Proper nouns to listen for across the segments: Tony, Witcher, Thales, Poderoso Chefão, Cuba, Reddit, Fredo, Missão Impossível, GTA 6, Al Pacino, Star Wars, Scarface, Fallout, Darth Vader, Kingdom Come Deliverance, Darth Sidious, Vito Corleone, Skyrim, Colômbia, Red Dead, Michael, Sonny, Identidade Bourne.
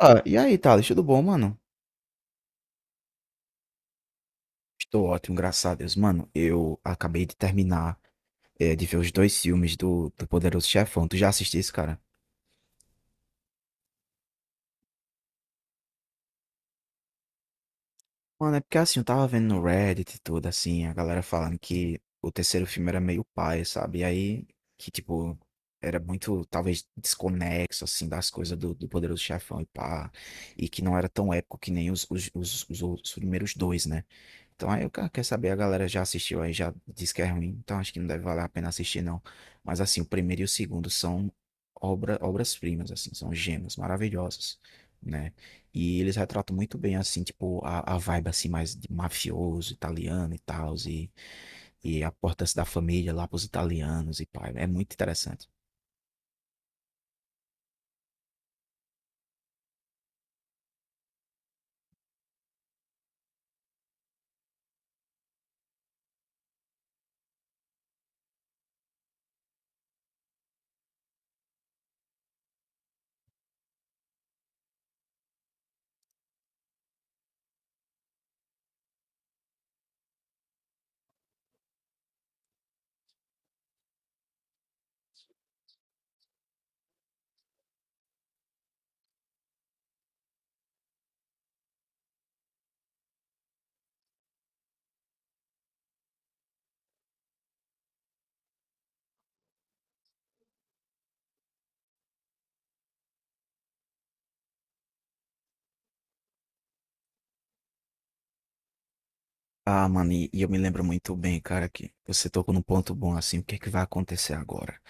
Ah, e aí, Thales, tudo bom, mano? Estou ótimo, graças a Deus. Mano, eu acabei de terminar de ver os dois filmes do Poderoso Chefão. Tu já assististe esse, cara? Mano, é porque assim, eu tava vendo no Reddit e tudo, assim, a galera falando que o terceiro filme era meio paia, sabe? E aí, que tipo, era muito, talvez, desconexo, assim, das coisas do Poderoso Chefão e pá. E que não era tão épico que nem os primeiros dois, né? Então aí o cara quer saber, a galera já assistiu aí, já disse que é ruim, então acho que não deve valer a pena assistir, não. Mas assim, o primeiro e o segundo são obras-primas, assim, são gemas maravilhosas, né? E eles retratam muito bem, assim, tipo, a vibe, assim, mais de mafioso, italiano e tal, e a importância da família lá pros italianos e pai, é muito interessante. Ah, mano, e eu me lembro muito bem, cara, que você tocou num ponto bom, assim, o que é que vai acontecer agora,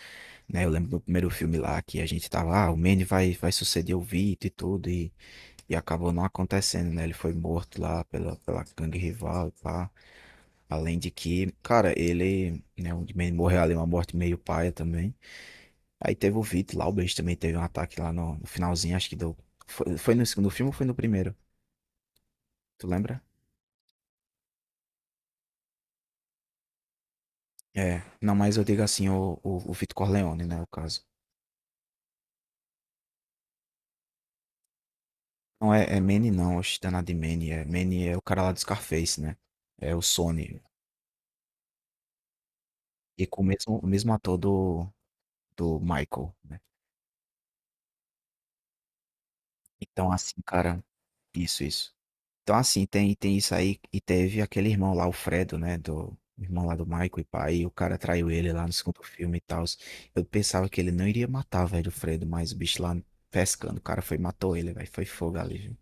né? Eu lembro do primeiro filme lá que a gente tava, ah, o Manny vai suceder o Vito e tudo, e acabou não acontecendo, né? Ele foi morto lá pela gangue rival e pá. Além de que, cara, ele, né, o Manny morreu ali, uma morte meio paia também. Aí teve o Vito lá, o Benji também teve um ataque lá no finalzinho, acho que deu. Foi, foi no segundo filme ou foi no primeiro? Tu lembra? É, não, mas eu digo assim, o Vito Corleone, né, o caso. Não é, é Manny não, oxe, danado de Manny é o cara lá do Scarface, né? É o Sonny. E com o mesmo, o mesmo ator do do Michael, né. Então assim, cara, isso, isso. Então assim, tem isso aí e teve aquele irmão lá, o Fredo, né, do, o irmão lá do Michael e pai, e o cara traiu ele lá no segundo filme e tal. Eu pensava que ele não iria matar, velho, o Fredo, mas o bicho lá pescando, o cara foi e matou ele, velho, foi fogo ali, viu.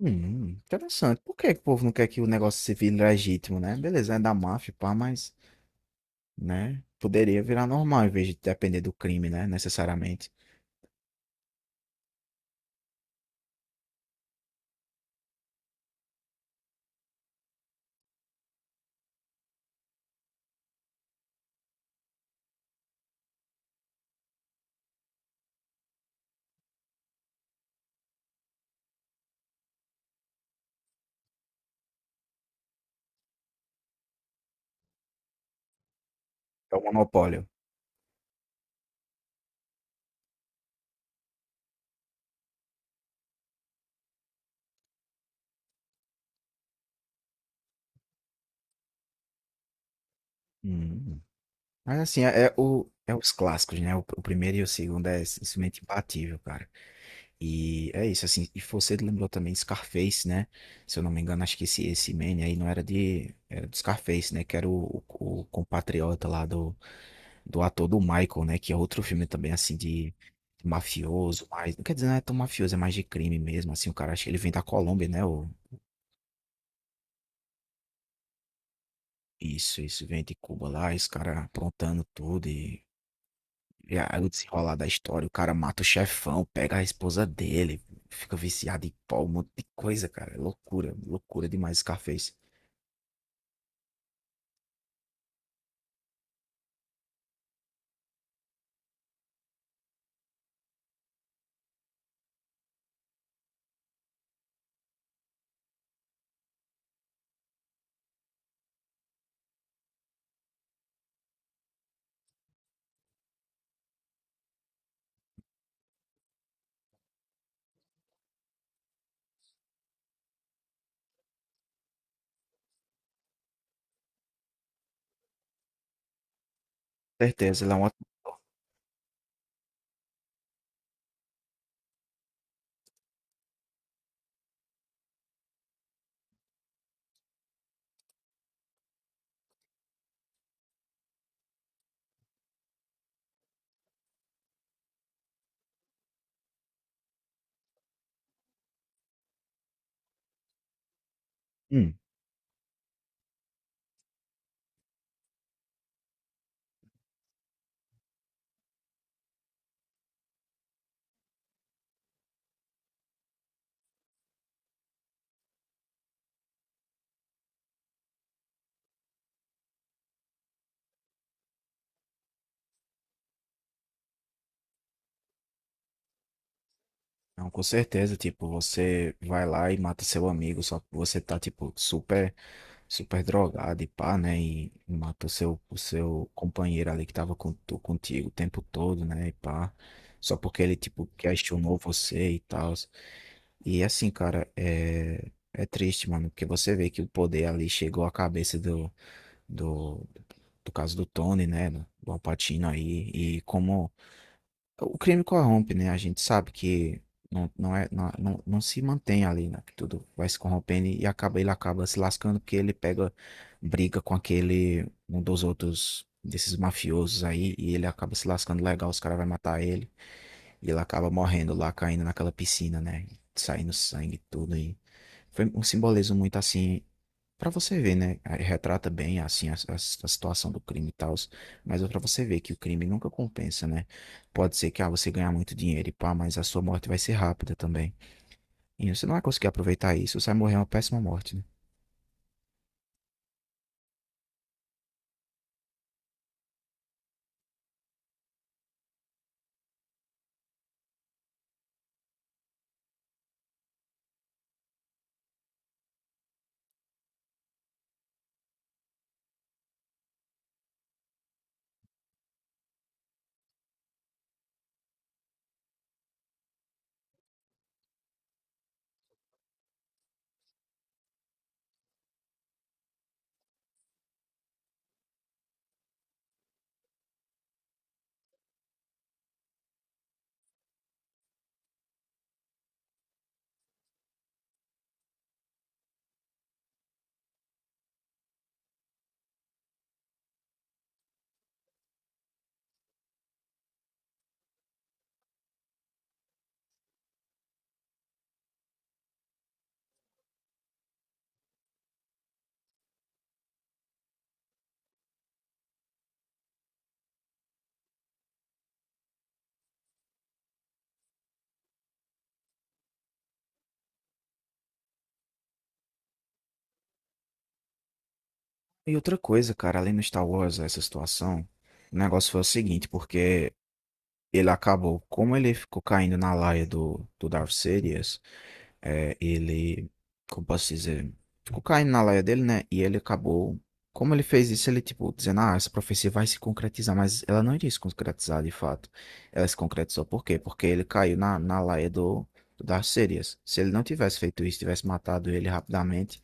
Interessante. Por que que o povo não quer que o negócio se vire legítimo, né? Beleza, é da máfia pá, mas, né, poderia virar normal em vez de depender do crime, né, necessariamente. É o monopólio. Hum. Mas assim, é, é o, é os clássicos, né? O primeiro e o segundo é simplesmente imbatível, cara. E é isso, assim. E você lembrou também Scarface, né? Se eu não me engano, acho que esse man aí não era de. Era do Scarface, né? Que era o compatriota lá do, do ator do Michael, né? Que é outro filme também, assim, de mafioso, mas. Não quer dizer, não é tão mafioso, é mais de crime mesmo. Assim, o cara, acho que ele vem da Colômbia, né? O, isso, vem de Cuba lá, esse cara aprontando tudo. E aí o desenrolar da história, o cara mata o chefão, pega a esposa dele, fica viciado em pó, um monte de coisa, cara. É loucura, loucura demais Scarface. Certeza, ele é um ótimo. Hum, não, com certeza, tipo, você vai lá e mata seu amigo, só que você tá, tipo, super drogado e pá, né? E mata o seu companheiro ali que tava com, contigo o tempo todo, né? E pá. Só porque ele, tipo, questionou você e tal. E assim, cara, é, é triste, mano, porque você vê que o poder ali chegou à cabeça do, do caso do Tony, né, do Al Pacino aí, e como o crime corrompe, né, a gente sabe que não, não é, não, não, não se mantém ali, né, que tudo vai se corrompendo e acaba, ele acaba se lascando porque ele pega, briga com aquele, um dos outros, desses mafiosos aí, e ele acaba se lascando legal, os caras vão matar ele. E ele acaba morrendo lá, caindo naquela piscina, né? Saindo sangue e tudo aí. Foi um simbolismo muito assim, pra você ver, né? Aí retrata bem assim a, a situação do crime e tal, mas é pra você ver que o crime nunca compensa, né? Pode ser que ah, você ganhar muito dinheiro e pá, mas a sua morte vai ser rápida também. E você não vai conseguir aproveitar isso, você vai morrer uma péssima morte, né? E outra coisa, cara, além do Star Wars, essa situação, o negócio foi o seguinte, porque ele acabou, como ele ficou caindo na laia do Darth Sidious, é, ele, como posso dizer, ficou caindo na laia dele, né? E ele acabou, como ele fez isso, ele tipo, dizendo, ah, essa profecia vai se concretizar, mas ela não iria se concretizar de fato. Ela se concretizou, por quê? Porque ele caiu na laia do, do Darth Sidious. Se ele não tivesse feito isso, tivesse matado ele rapidamente,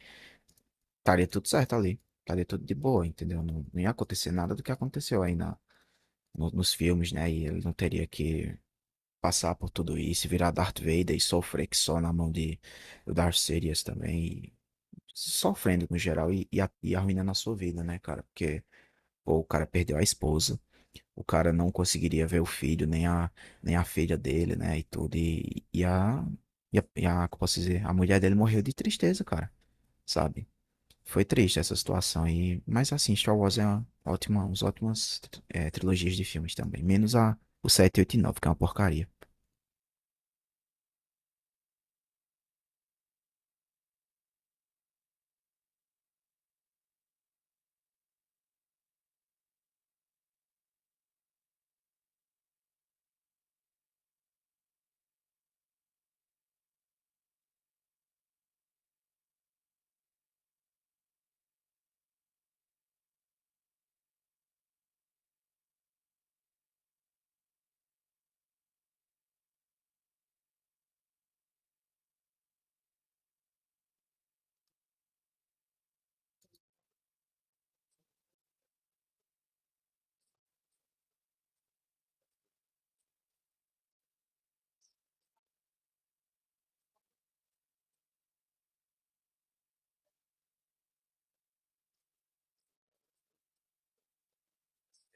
estaria tudo certo ali. Estaria tudo de boa, entendeu? Não, não ia acontecer nada do que aconteceu aí na, nos filmes, né? E ele não teria que passar por tudo isso, e virar Darth Vader e sofrer que só na mão de do Darth Sidious também, e sofrendo no geral e, e arruinando a sua vida, né, cara? Porque pô, o cara perdeu a esposa, o cara não conseguiria ver o filho, nem a, nem a filha dele, né, e tudo, e, e a, como posso dizer, a mulher dele morreu de tristeza, cara, sabe? Foi triste essa situação e, mas assim, Star Wars é uma ótima, uns ótimas trilogias de filmes também, menos a, o 7, 8 e 9 que é uma porcaria.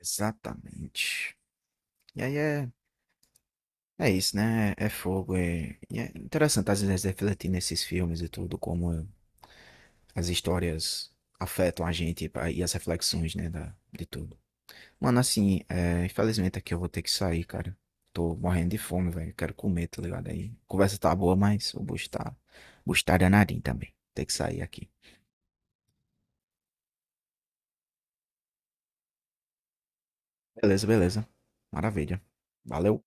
Exatamente. E aí é, é isso, né? É, é fogo. É, e é interessante às vezes refletir nesses filmes e tudo, como as histórias afetam a gente e e as reflexões, né, da, de tudo. Mano, assim, é, infelizmente aqui eu vou ter que sair, cara. Tô morrendo de fome, velho. Quero comer, tá ligado? Aí, a conversa tá boa, mas o bucho tá danadinho também. Tem que sair aqui. Beleza, beleza. Maravilha. Valeu.